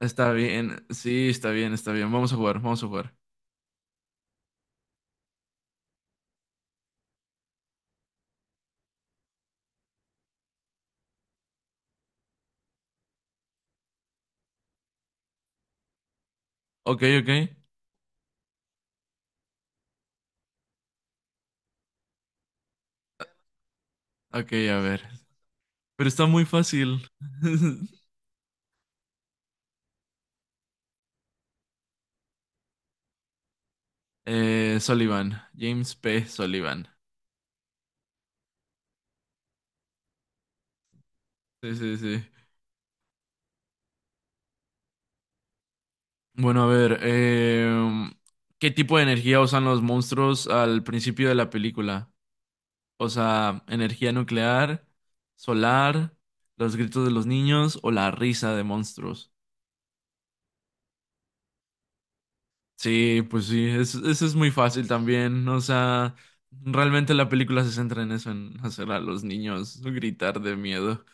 Está bien, sí, está bien, está bien. Vamos a jugar, vamos a jugar. Ok, ok. Ok, a ver. Pero está muy fácil. Sullivan, James P. Sullivan. Sí, sí, sí. Bueno, a ver, ¿qué tipo de energía usan los monstruos al principio de la película? O sea, energía nuclear, solar, los gritos de los niños o la risa de monstruos. Sí, pues sí, eso es muy fácil también. O sea, realmente la película se centra en eso, en hacer a los niños gritar de miedo.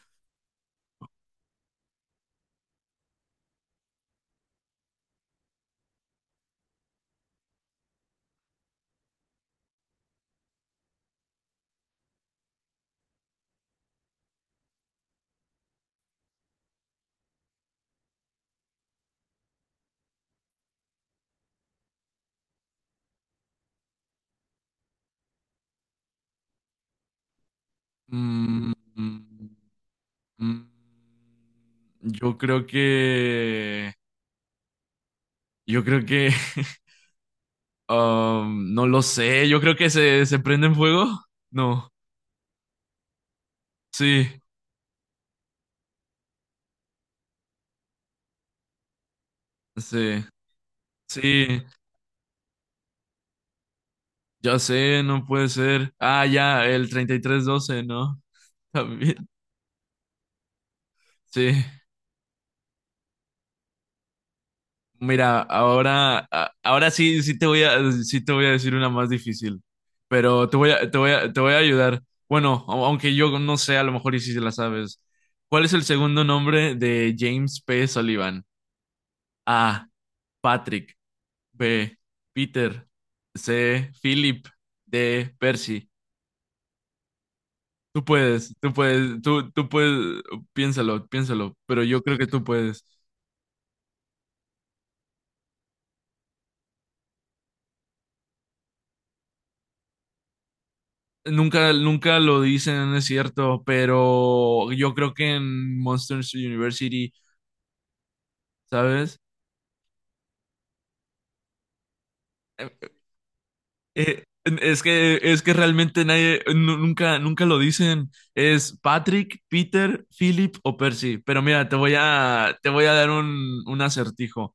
Mm, mm, mm. Yo Yo creo que... No lo sé, yo creo que se prende en fuego. No, sí, sí, sí, ya sé, no puede ser. Ah, ya, el treinta y tres doce, ¿no? También, sí. Mira, ahora, ahora sí, sí te voy a decir una más difícil, pero te voy a ayudar. Bueno, aunque yo no sé, a lo mejor y sí se la sabes. ¿Cuál es el segundo nombre de James P. Sullivan? A. Patrick. B. Peter. C. Philip. D. Percy. Tú puedes, piénsalo, piénsalo, pero yo creo que tú puedes. Nunca, nunca lo dicen, es cierto, pero yo creo que en Monsters University, ¿sabes? Eh, es que, realmente nadie, nunca, nunca lo dicen. Es Patrick, Peter, Philip o Percy. Pero mira, te voy a dar un acertijo.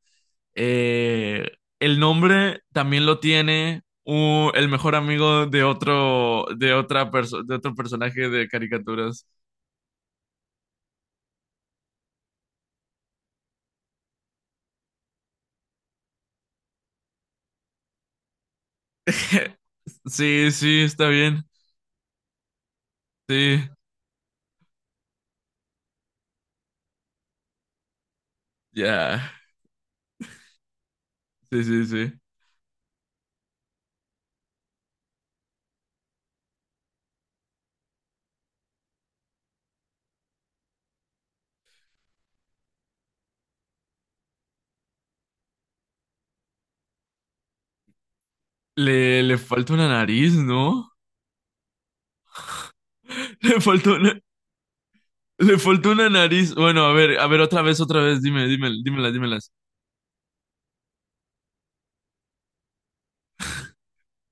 Eh, el nombre también lo tiene el mejor amigo de otro, de otro personaje de caricaturas. Sí, sí, está bien. Sí. Ya, sí, sí, sí. Le falta una nariz, ¿no? Le faltó le faltó una nariz. Bueno, a ver, otra vez, dime, dime, dímelas, dímelas.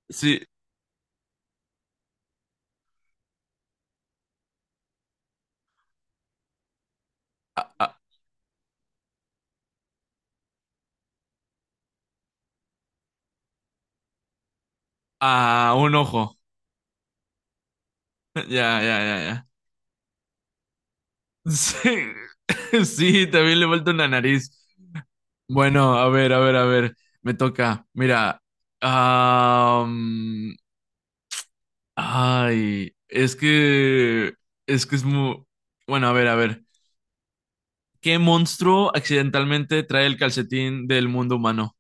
Sí, a, a un ojo. Ya, ya, ya, ya. Sí, sí, también le falta una nariz. Bueno, a ver, a ver, a ver, me toca. Mira, am, ay, es que es muy, bueno, a ver, a ver. ¿Qué monstruo accidentalmente trae el calcetín del mundo humano?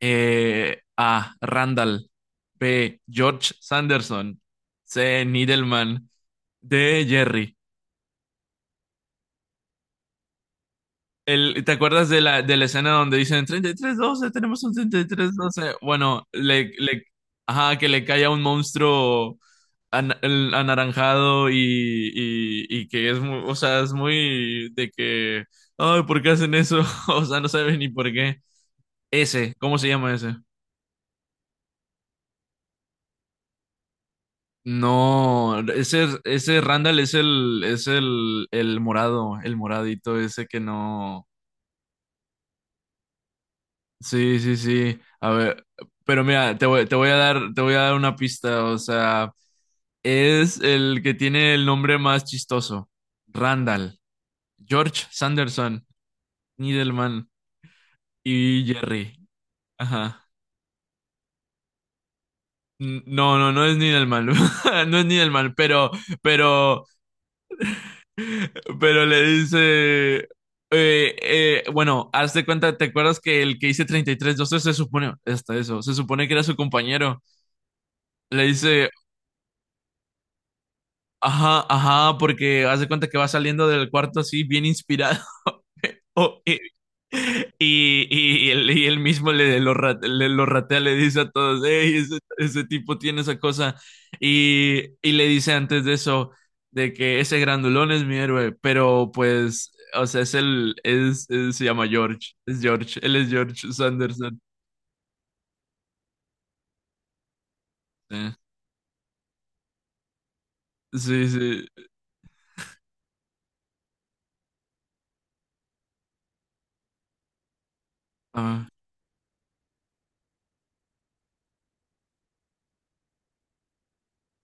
A. Randall. B. George Sanderson. C. Needleman. D. Jerry. El, ¿te acuerdas de de la escena donde dicen 33-12 tenemos un 33-12? Bueno, ajá, que le cae a un monstruo anaranjado y que es muy, o sea, es muy de que, ay, ¿por qué hacen eso? O sea, no saben ni por qué. Ese, ¿cómo se llama ese? No, ese Randall es el morado, el moradito ese que no. Sí, sí, sí. A ver, pero mira, te voy a dar una pista, o sea, es el que tiene el nombre más chistoso. Randall, George Sanderson, Nidelman y Jerry. Ajá. No, no, no es Nidelman. No es Nidelman, pero pero le dice, bueno, haz de cuenta, ¿te acuerdas que el que hice treinta y tres 12 se supone, hasta eso, se supone que era su compañero? Le dice, ajá, ajá, porque haz de cuenta que va saliendo del cuarto así, bien inspirado. Oh, él, y él mismo le lo ratea, le dice a todos, hey, ese tipo tiene esa cosa. Le dice antes de eso, de que ese grandulón es mi héroe, pero pues, o sea, es se llama George, es George, él es George Sanderson. Eh, Sí, sí, ah,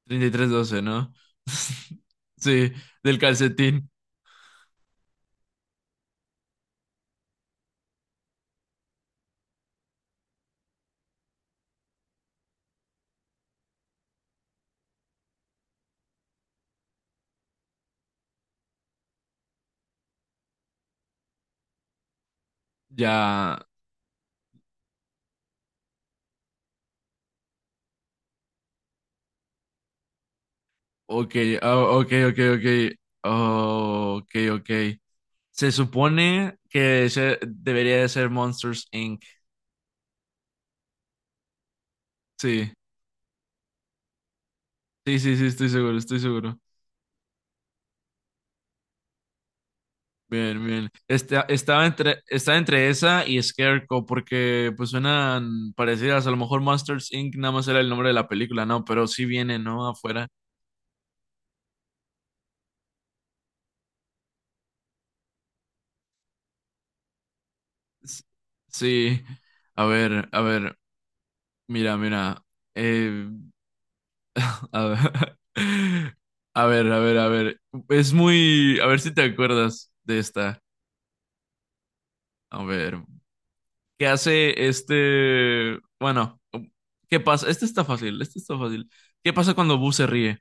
33-12, ¿no? Sí, del calcetín. Ya, ok, ah, ok, ok, ok, oh, ok, ok. Se supone que debería de ser Monsters Inc. Sí, sí, sí, sí, estoy seguro, estoy seguro. Bien, bien. Estaba entre, estaba entre esa y Scarecrow porque pues suenan parecidas. A lo mejor Monsters Inc. nada más era el nombre de la película, ¿no? Pero sí viene, ¿no? Afuera. S- Sí. A ver, a ver. Mira, mira. Eh, a ver. A ver, a ver, a ver. Es muy... A ver si te acuerdas de esta. A ver. Que hace este, bueno, ¿qué pasa? Este está fácil, este está fácil. ¿Qué pasa cuando Boo se ríe?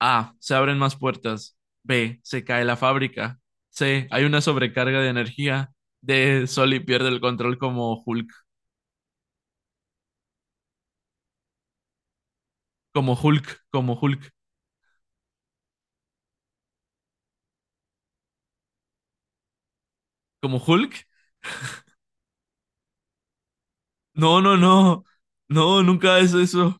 A, se abren más puertas. B, se cae la fábrica. C, hay una sobrecarga de energía. D, Soli pierde el control como Hulk, como Hulk, como Hulk, como Hulk. No, no, no. No, nunca es eso.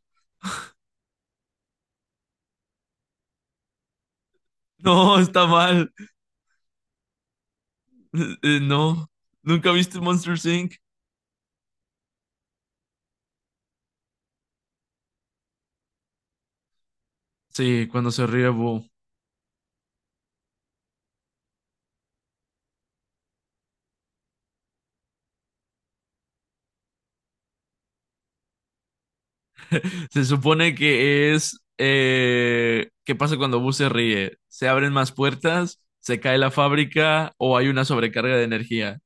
No, está mal. No, nunca viste Monsters Inc. Sí, cuando se ríe Boo. Se supone que es... ¿qué pasa cuando Boo se ríe? ¿Se abren más puertas? ¿Se cae la fábrica? ¿O hay una sobrecarga de energía?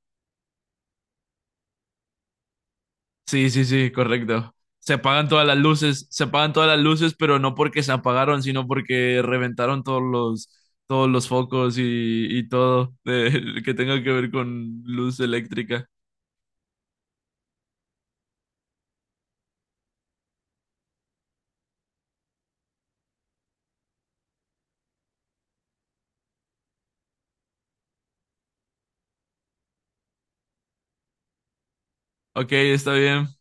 Sí, sí, sí, correcto. Se apagan todas las luces, se apagan todas las luces, pero no porque se apagaron, sino porque reventaron todos los focos y todo que tenga que ver con luz eléctrica. Ok, está bien.